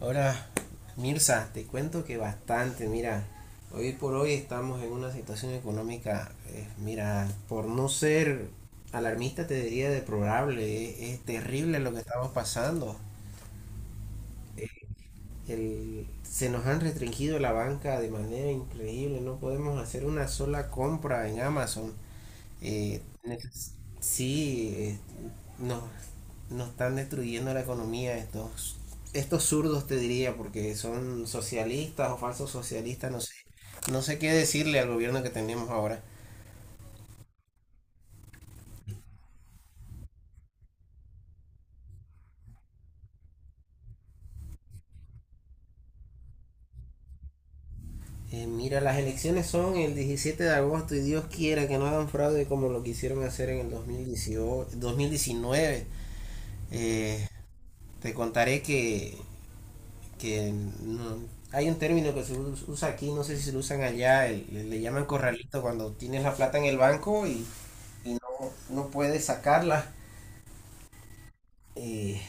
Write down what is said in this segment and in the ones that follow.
Ahora, Mirza, te cuento que bastante, mira, hoy por hoy estamos en una situación económica, mira, por no ser alarmista te diría deplorable, es terrible lo que estamos pasando. Se nos han restringido la banca de manera increíble, no podemos hacer una sola compra en Amazon. Eh, neces- sí, nos, nos están destruyendo la economía estos zurdos, te diría, porque son socialistas o falsos socialistas, no sé. No sé qué decirle al gobierno que tenemos ahora. Mira, las elecciones son el 17 de agosto y Dios quiera que no hagan fraude como lo quisieron hacer en el 2018, 2019. Eh, Te contaré que no, hay un término que usa aquí, no sé si se lo usan allá, le llaman corralito cuando tienes la plata en el banco y, y no, no puedes sacarla. Eh,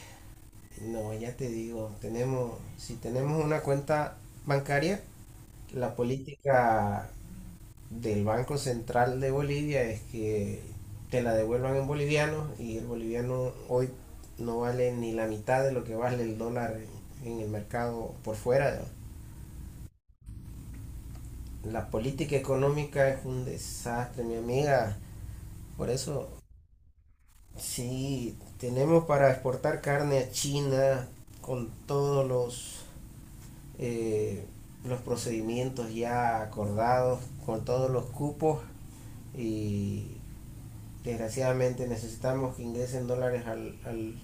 no, ya te digo, si tenemos una cuenta bancaria, la política del Banco Central de Bolivia es que te la devuelvan en boliviano y el boliviano hoy no vale ni la mitad de lo que vale el dólar en el mercado por fuera. ¿No? La política económica es un desastre, mi amiga. Por eso, sí, tenemos para exportar carne a China con todos eh, los procedimientos ya acordados, con todos los cupos y desgraciadamente necesitamos que ingresen dólares al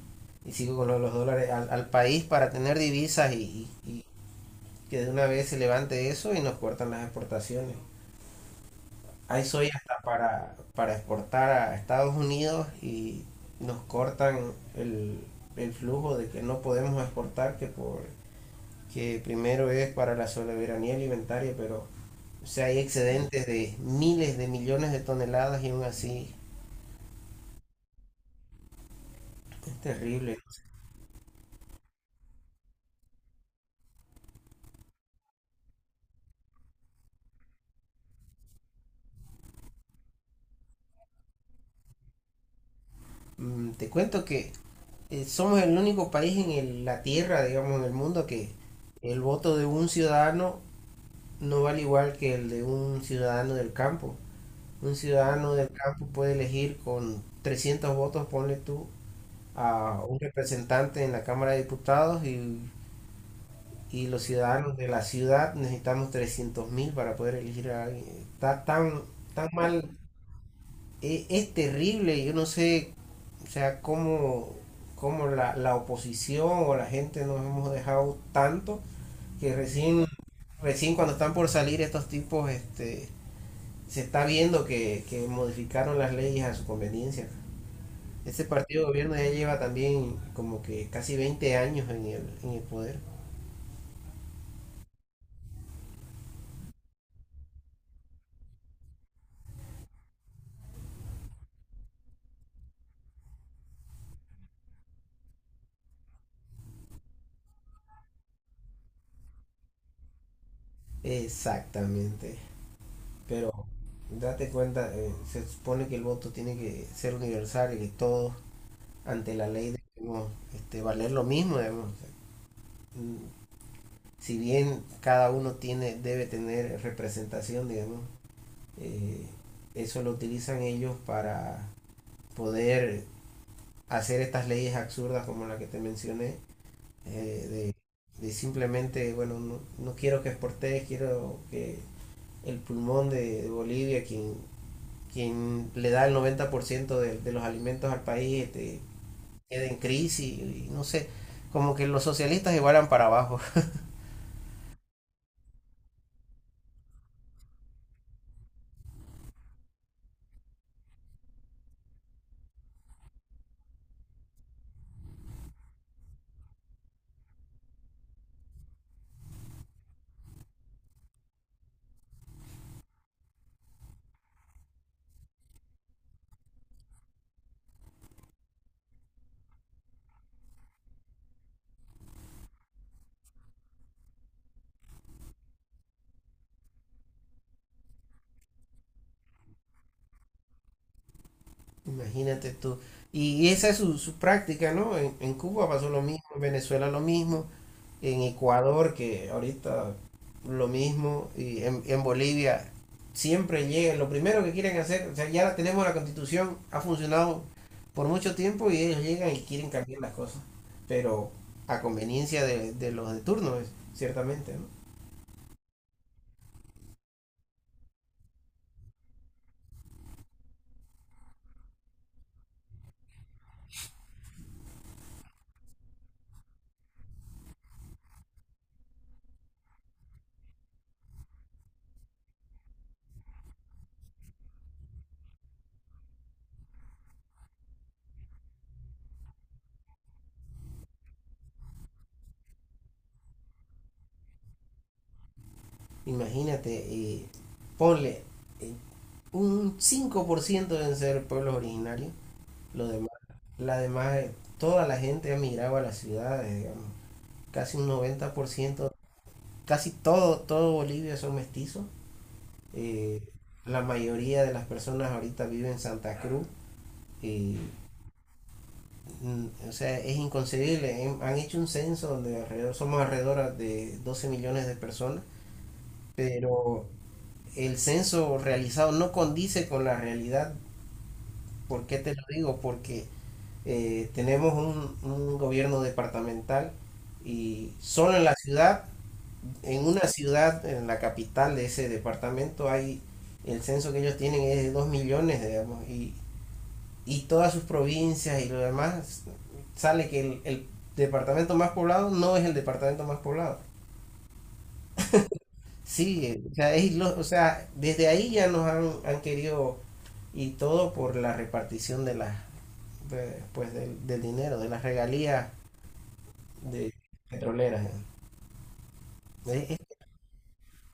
y sigo con los dólares al país para tener divisas y que de una vez se levante eso y nos cortan las exportaciones. Hay soya hasta para exportar a Estados Unidos y nos cortan el flujo de que no podemos exportar, que primero es para la soberanía alimentaria, pero o sea, hay excedentes de miles de millones de toneladas y aún así es terrible. ¿No? Mm, te cuento que somos el único país en la Tierra, digamos, en el mundo que el voto de un ciudadano no vale igual que el de un ciudadano del campo. Un ciudadano del campo puede elegir con 300 votos, ponle tú, a un representante en la Cámara de Diputados y los ciudadanos de la ciudad necesitamos 300.000 para poder elegir a alguien. Está tan mal, es terrible, yo no sé, o sea, cómo la oposición o la gente nos hemos dejado tanto que recién cuando están por salir estos tipos, se está viendo que modificaron las leyes a su conveniencia. Ese partido de gobierno ya lleva también como que casi 20 años en el poder. Exactamente. Pero date cuenta, se supone que el voto tiene que ser universal y que todos ante la ley debemos valer lo mismo. Digamos. O sea, mm, si bien cada uno debe tener representación, digamos, eh, eso lo utilizan ellos para poder hacer estas leyes absurdas como la que te mencioné eh, de, simplemente, bueno, no, no quiero que exportes, quiero que el pulmón Bolivia, quien le da el 90% de los alimentos al país, quede en crisis, y, no sé, como que los socialistas igualan para abajo, imagínate tú. Y esa es su práctica, ¿no? En Cuba pasó lo mismo, en Venezuela lo mismo, en Ecuador, que ahorita lo mismo, y en Bolivia siempre llegan, lo primero que quieren hacer, o sea, ya tenemos la constitución, ha funcionado por mucho tiempo y ellos llegan y quieren cambiar las cosas, pero a conveniencia de los de turno, ciertamente, ¿no? Imagínate, ponle eh, un 5% deben ser pueblos originarios, lo demás, la demás, toda la gente ha migrado a las ciudades, digamos, casi un 90% casi todo Bolivia son mestizos. Eh, la mayoría de las personas ahorita viven en Santa Cruz. Y, o sea, es inconcebible. Han hecho un censo donde somos alrededor de 12 millones de personas, pero el censo realizado no condice con la realidad. ¿Por qué te lo digo? Porque tenemos un gobierno departamental y solo en una ciudad, en la capital de ese departamento, hay el censo que ellos tienen es de 2 millones, digamos, y todas sus provincias y lo demás, sale que el departamento más poblado no es el departamento más poblado. Sí, o sea, o sea, desde ahí ya nos han querido y todo por la repartición de las pues del dinero, de las regalías de petroleras. ¿Eh?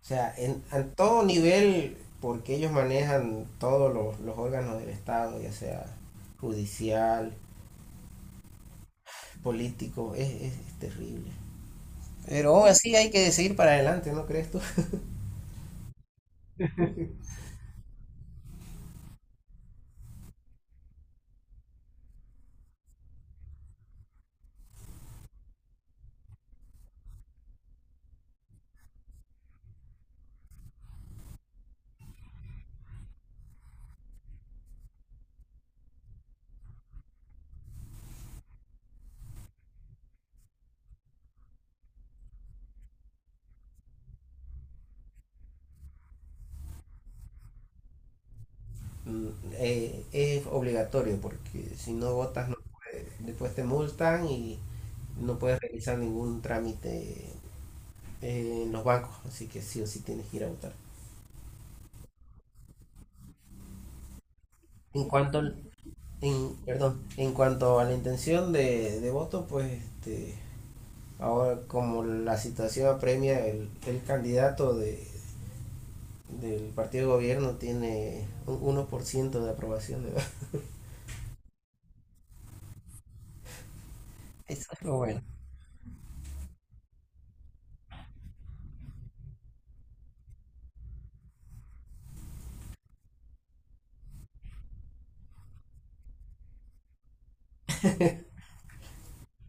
O sea, en todo nivel, porque ellos manejan todos los órganos del Estado, ya sea judicial, político, es terrible. Pero aún así hay que seguir para adelante, ¿no crees tú? Mm, es obligatorio porque si no votas no puedes- después te multan y no puedes realizar ningún trámite en los bancos, así que sí o sí tienes que ir a votar. En cuanto al- en, perdón, en cuanto a la intención de voto, pues ahora, como la situación apremia, el candidato del partido de gobierno tiene un 1% de aprobación. ¿Verdad? Eso. Pero bueno,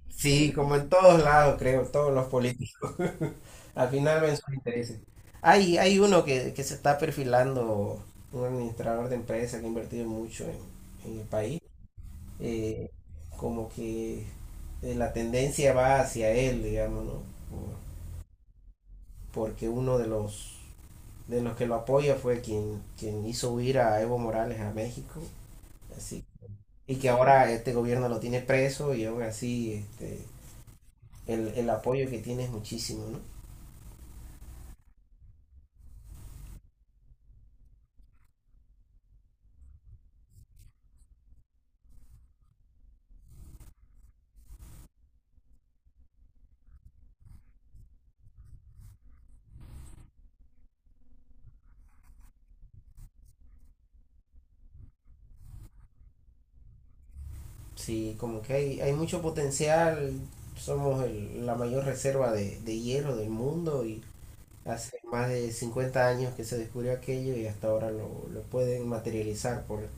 sí, como en todos lados, creo, todos los políticos. Al final ven sus intereses. Hay uno que se está perfilando, un administrador de empresa que ha invertido mucho en el país. eh, Como que la tendencia va hacia él, digamos, ¿no? Por- Porque uno de los que lo apoya fue quien hizo huir a Evo Morales a México. Así. Y que ahora este gobierno lo tiene preso y aún así el apoyo que tiene es muchísimo, ¿no? Sí, como que hay mucho potencial, somos la mayor reserva de hierro del mundo y hace más de 50 años que se descubrió aquello y hasta ahora lo pueden materializar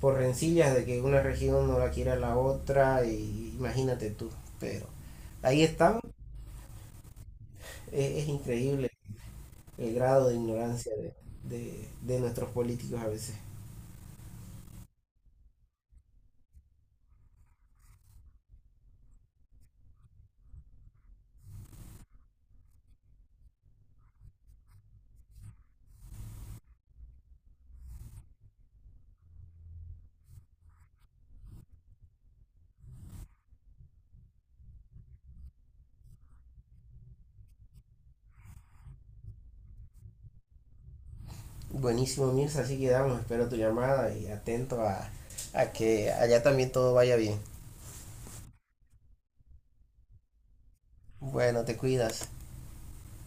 por rencillas de que una región no la quiera la otra y imagínate tú, pero ahí estamos. Es increíble el grado de ignorancia de nuestros políticos a veces. Buenísimo, Mirza, así quedamos. Espero tu llamada y atento a que allá también todo vaya bien. Bueno, te cuidas.